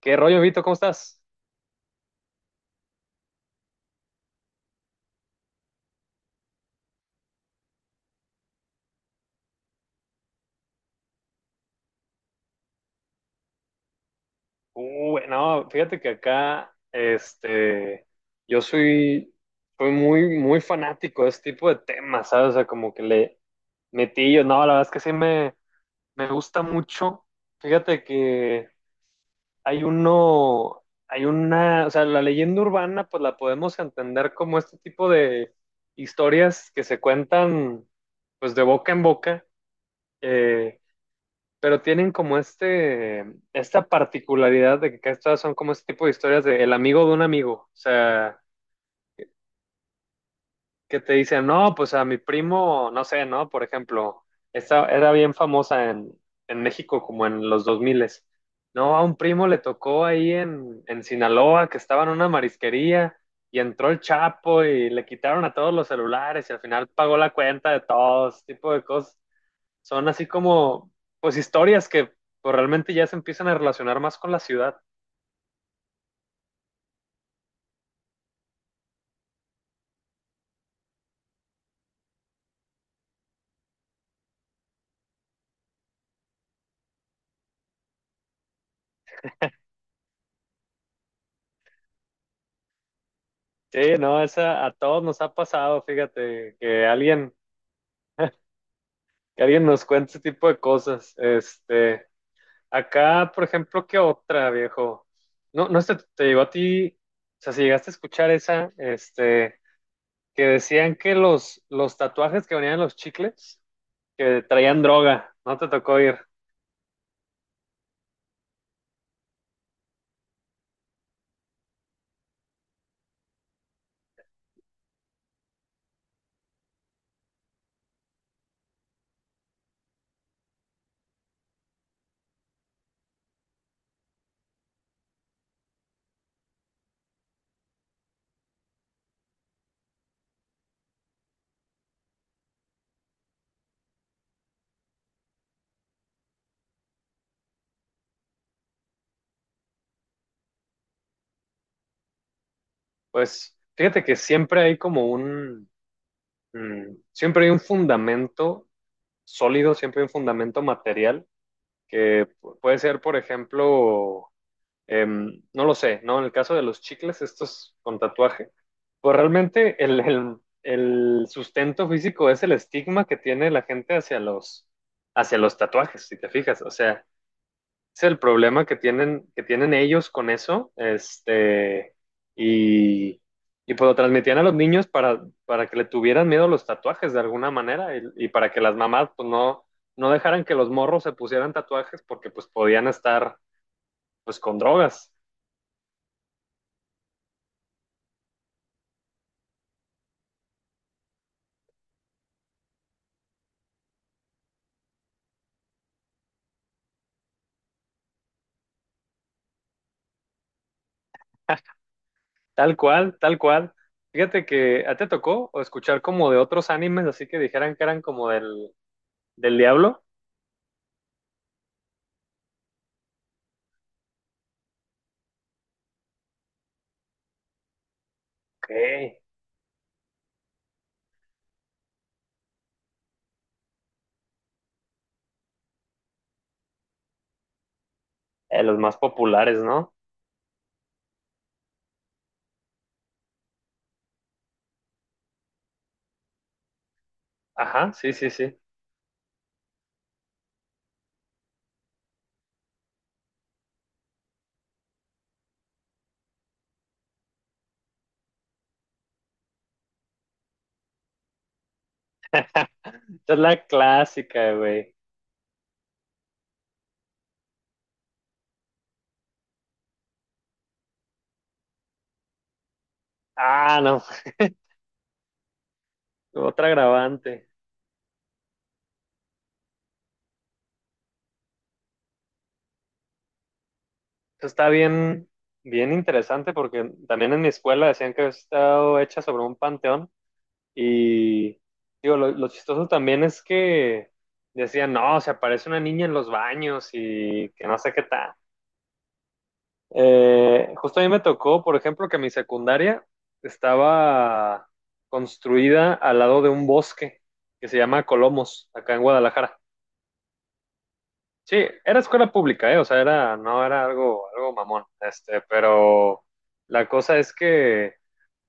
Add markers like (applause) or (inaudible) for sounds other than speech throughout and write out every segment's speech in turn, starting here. ¿Qué rollo, Vito? ¿Cómo estás? No, fíjate que acá, yo soy, soy muy fanático de este tipo de temas, ¿sabes? O sea, como que le metí yo, no, la verdad es que sí me gusta mucho. Fíjate que hay una, o sea, la leyenda urbana, pues la podemos entender como este tipo de historias que se cuentan, pues de boca en boca. eh, pero tienen como esta particularidad de que estas son como este tipo de historias de el amigo de un amigo, o sea, que te dicen, no, pues a mi primo, no sé, ¿no? Por ejemplo, esta era bien famosa en México como en los 2000. No, a un primo le tocó ahí en Sinaloa que estaba en una marisquería y entró el Chapo y le quitaron a todos los celulares y al final pagó la cuenta de todos, este tipo de cosas. Son así como, pues, historias que, pues, realmente ya se empiezan a relacionar más con la ciudad. Sí, no, esa a todos nos ha pasado, fíjate, que alguien nos cuente ese tipo de cosas. Este, acá, por ejemplo, ¿qué otra, viejo? No, no sé, te llegó a ti, o sea, si llegaste a escuchar esa, este, que decían que los tatuajes que venían en los chicles, que traían droga, no te tocó ir. Pues, fíjate que siempre hay como un… Siempre hay un fundamento sólido, siempre hay un fundamento material que puede ser, por ejemplo, no lo sé, ¿no? En el caso de los chicles, estos con tatuaje, pues realmente el sustento físico es el estigma que tiene la gente hacia hacia los tatuajes, si te fijas. O sea, es el problema que tienen ellos con eso, este, y, y pues lo transmitían a los niños para que le tuvieran miedo a los tatuajes de alguna manera y para que las mamás pues no, no dejaran que los morros se pusieran tatuajes porque pues podían estar pues con drogas, tal cual, tal cual. Fíjate que a ti te tocó o escuchar como de otros animes, así que dijeran que eran como del diablo. Ok, los más populares, ¿no? Ajá, sí, sí, sí. Esta es la clásica, güey. Ah, no, otra agravante. Eso está bien, bien interesante porque también en mi escuela decían que había estado hecha sobre un panteón y digo, lo chistoso también es que decían, no, se aparece una niña en los baños y que no sé qué tal. Justo a mí me tocó, por ejemplo, que mi secundaria estaba construida al lado de un bosque que se llama Colomos, acá en Guadalajara. Sí, era escuela pública, ¿eh? O sea, era, no era algo, algo mamón, este, pero la cosa es que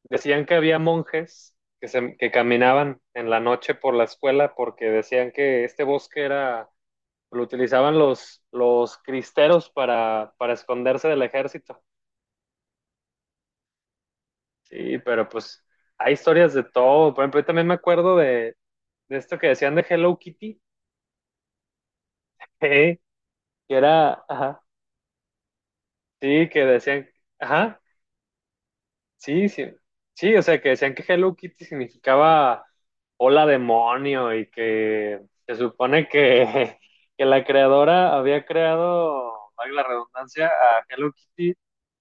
decían que había monjes que, se, que caminaban en la noche por la escuela porque decían que este bosque era, lo utilizaban los cristeros para esconderse del ejército. Sí, pero pues hay historias de todo. Por ejemplo, yo también me acuerdo de esto que decían de Hello Kitty, (laughs) ¿eh? Que era, ajá, sí, que decían, ajá. Sí, sí, sí, o sea, que decían que Hello Kitty significaba hola demonio y que se supone que, (laughs) que la creadora había creado, valga la redundancia, a Hello Kitty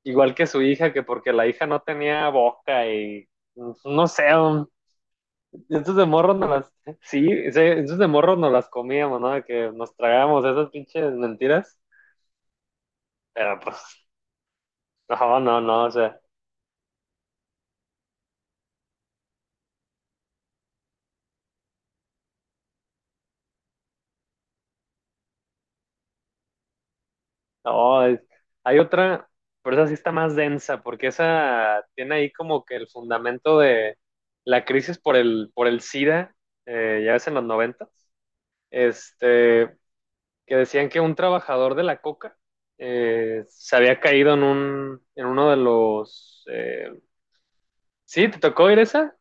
igual que su hija, que porque la hija no tenía boca y, pues, no sé, esos de morros no las, sí, esos de morros no las comíamos, ¿no? De que nos tragábamos esas pinches mentiras, pero pues, (laughs) no, no, no, o sea. No, hay otra, pero esa sí está más densa, porque esa tiene ahí como que el fundamento de la crisis por por el SIDA, ya ves en los noventas, este, que decían que un trabajador de la coca, se había caído en un, en uno de los, sí, te tocó ir esa,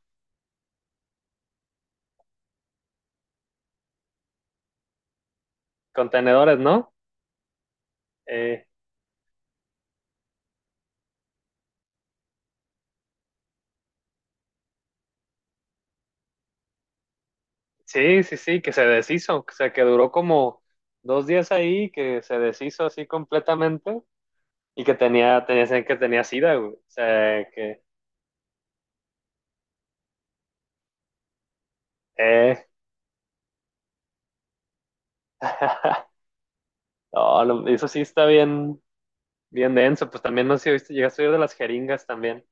contenedores, ¿no? Eh, sí, sí, sí, que se deshizo, o sea, que duró como dos días ahí, que se deshizo así completamente. Y que tenía, tenía, que tenía sida, güey. O sea, que… Eh. (laughs) No, no, eso sí está bien, bien denso. Pues también no sé si viste, llegaste a oír de las jeringas también.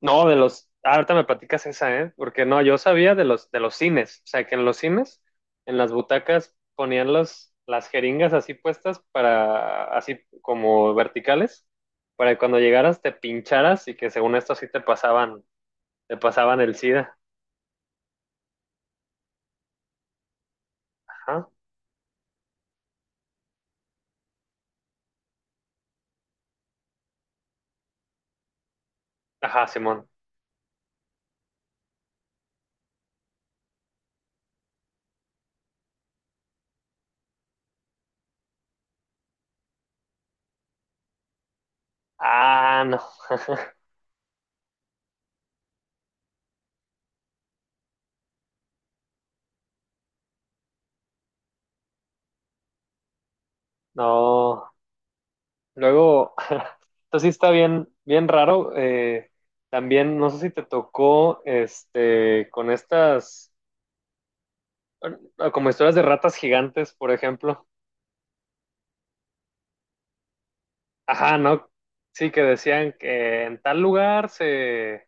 No, de los… ah, ahorita me platicas esa, ¿eh? Porque no, yo sabía de de los cines. O sea, que en los cines, en las butacas, ponían los, las jeringas así puestas para, así como verticales, para que cuando llegaras te pincharas y que según esto así te te pasaban el SIDA. Ajá, ajá, Simón. Ah, no. (laughs) No. Luego, (laughs) esto sí está bien, bien raro. Eh, también, no sé si te tocó, este, con estas, como historias de ratas gigantes, por ejemplo. Ajá, ¿no? Sí, que decían que en tal lugar se,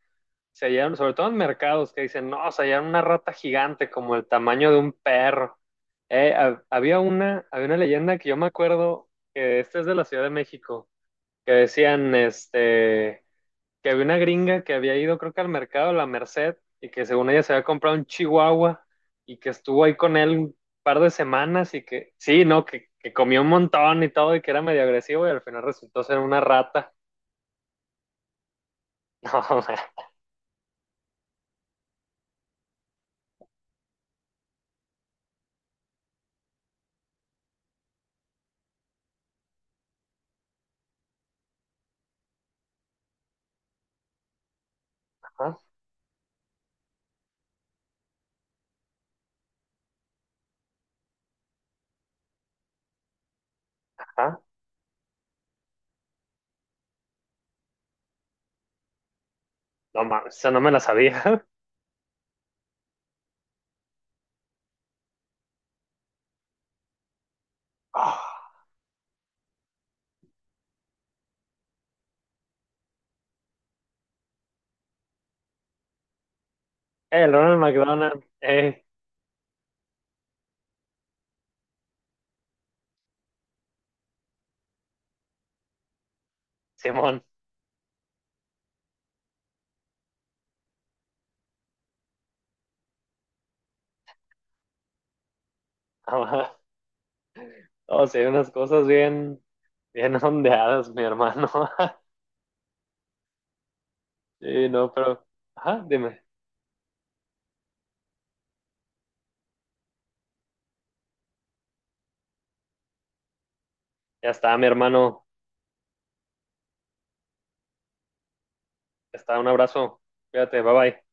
se hallaron, sobre todo en mercados, que dicen, no, se hallaron una rata gigante como el tamaño de un perro. Había había una leyenda que yo me acuerdo, que esta es de la Ciudad de México, que decían este, que había una gringa que había ido, creo que al mercado de la Merced, y que según ella se había comprado un chihuahua y que estuvo ahí con él un par de semanas y que, sí, no, que comió un montón y todo y que era medio agresivo y al final resultó ser una rata. (laughs) No, man, ¿ah? No mames, eso no me la sabía. (laughs) Oh, el Ronald McDonald, Simón, (laughs) o sea, unas cosas bien, bien (laughs) ondeadas, mi hermano. (laughs) Sí, no, pero, ajá, dime. Ya está, mi hermano. Ya está, un abrazo. Cuídate, bye bye.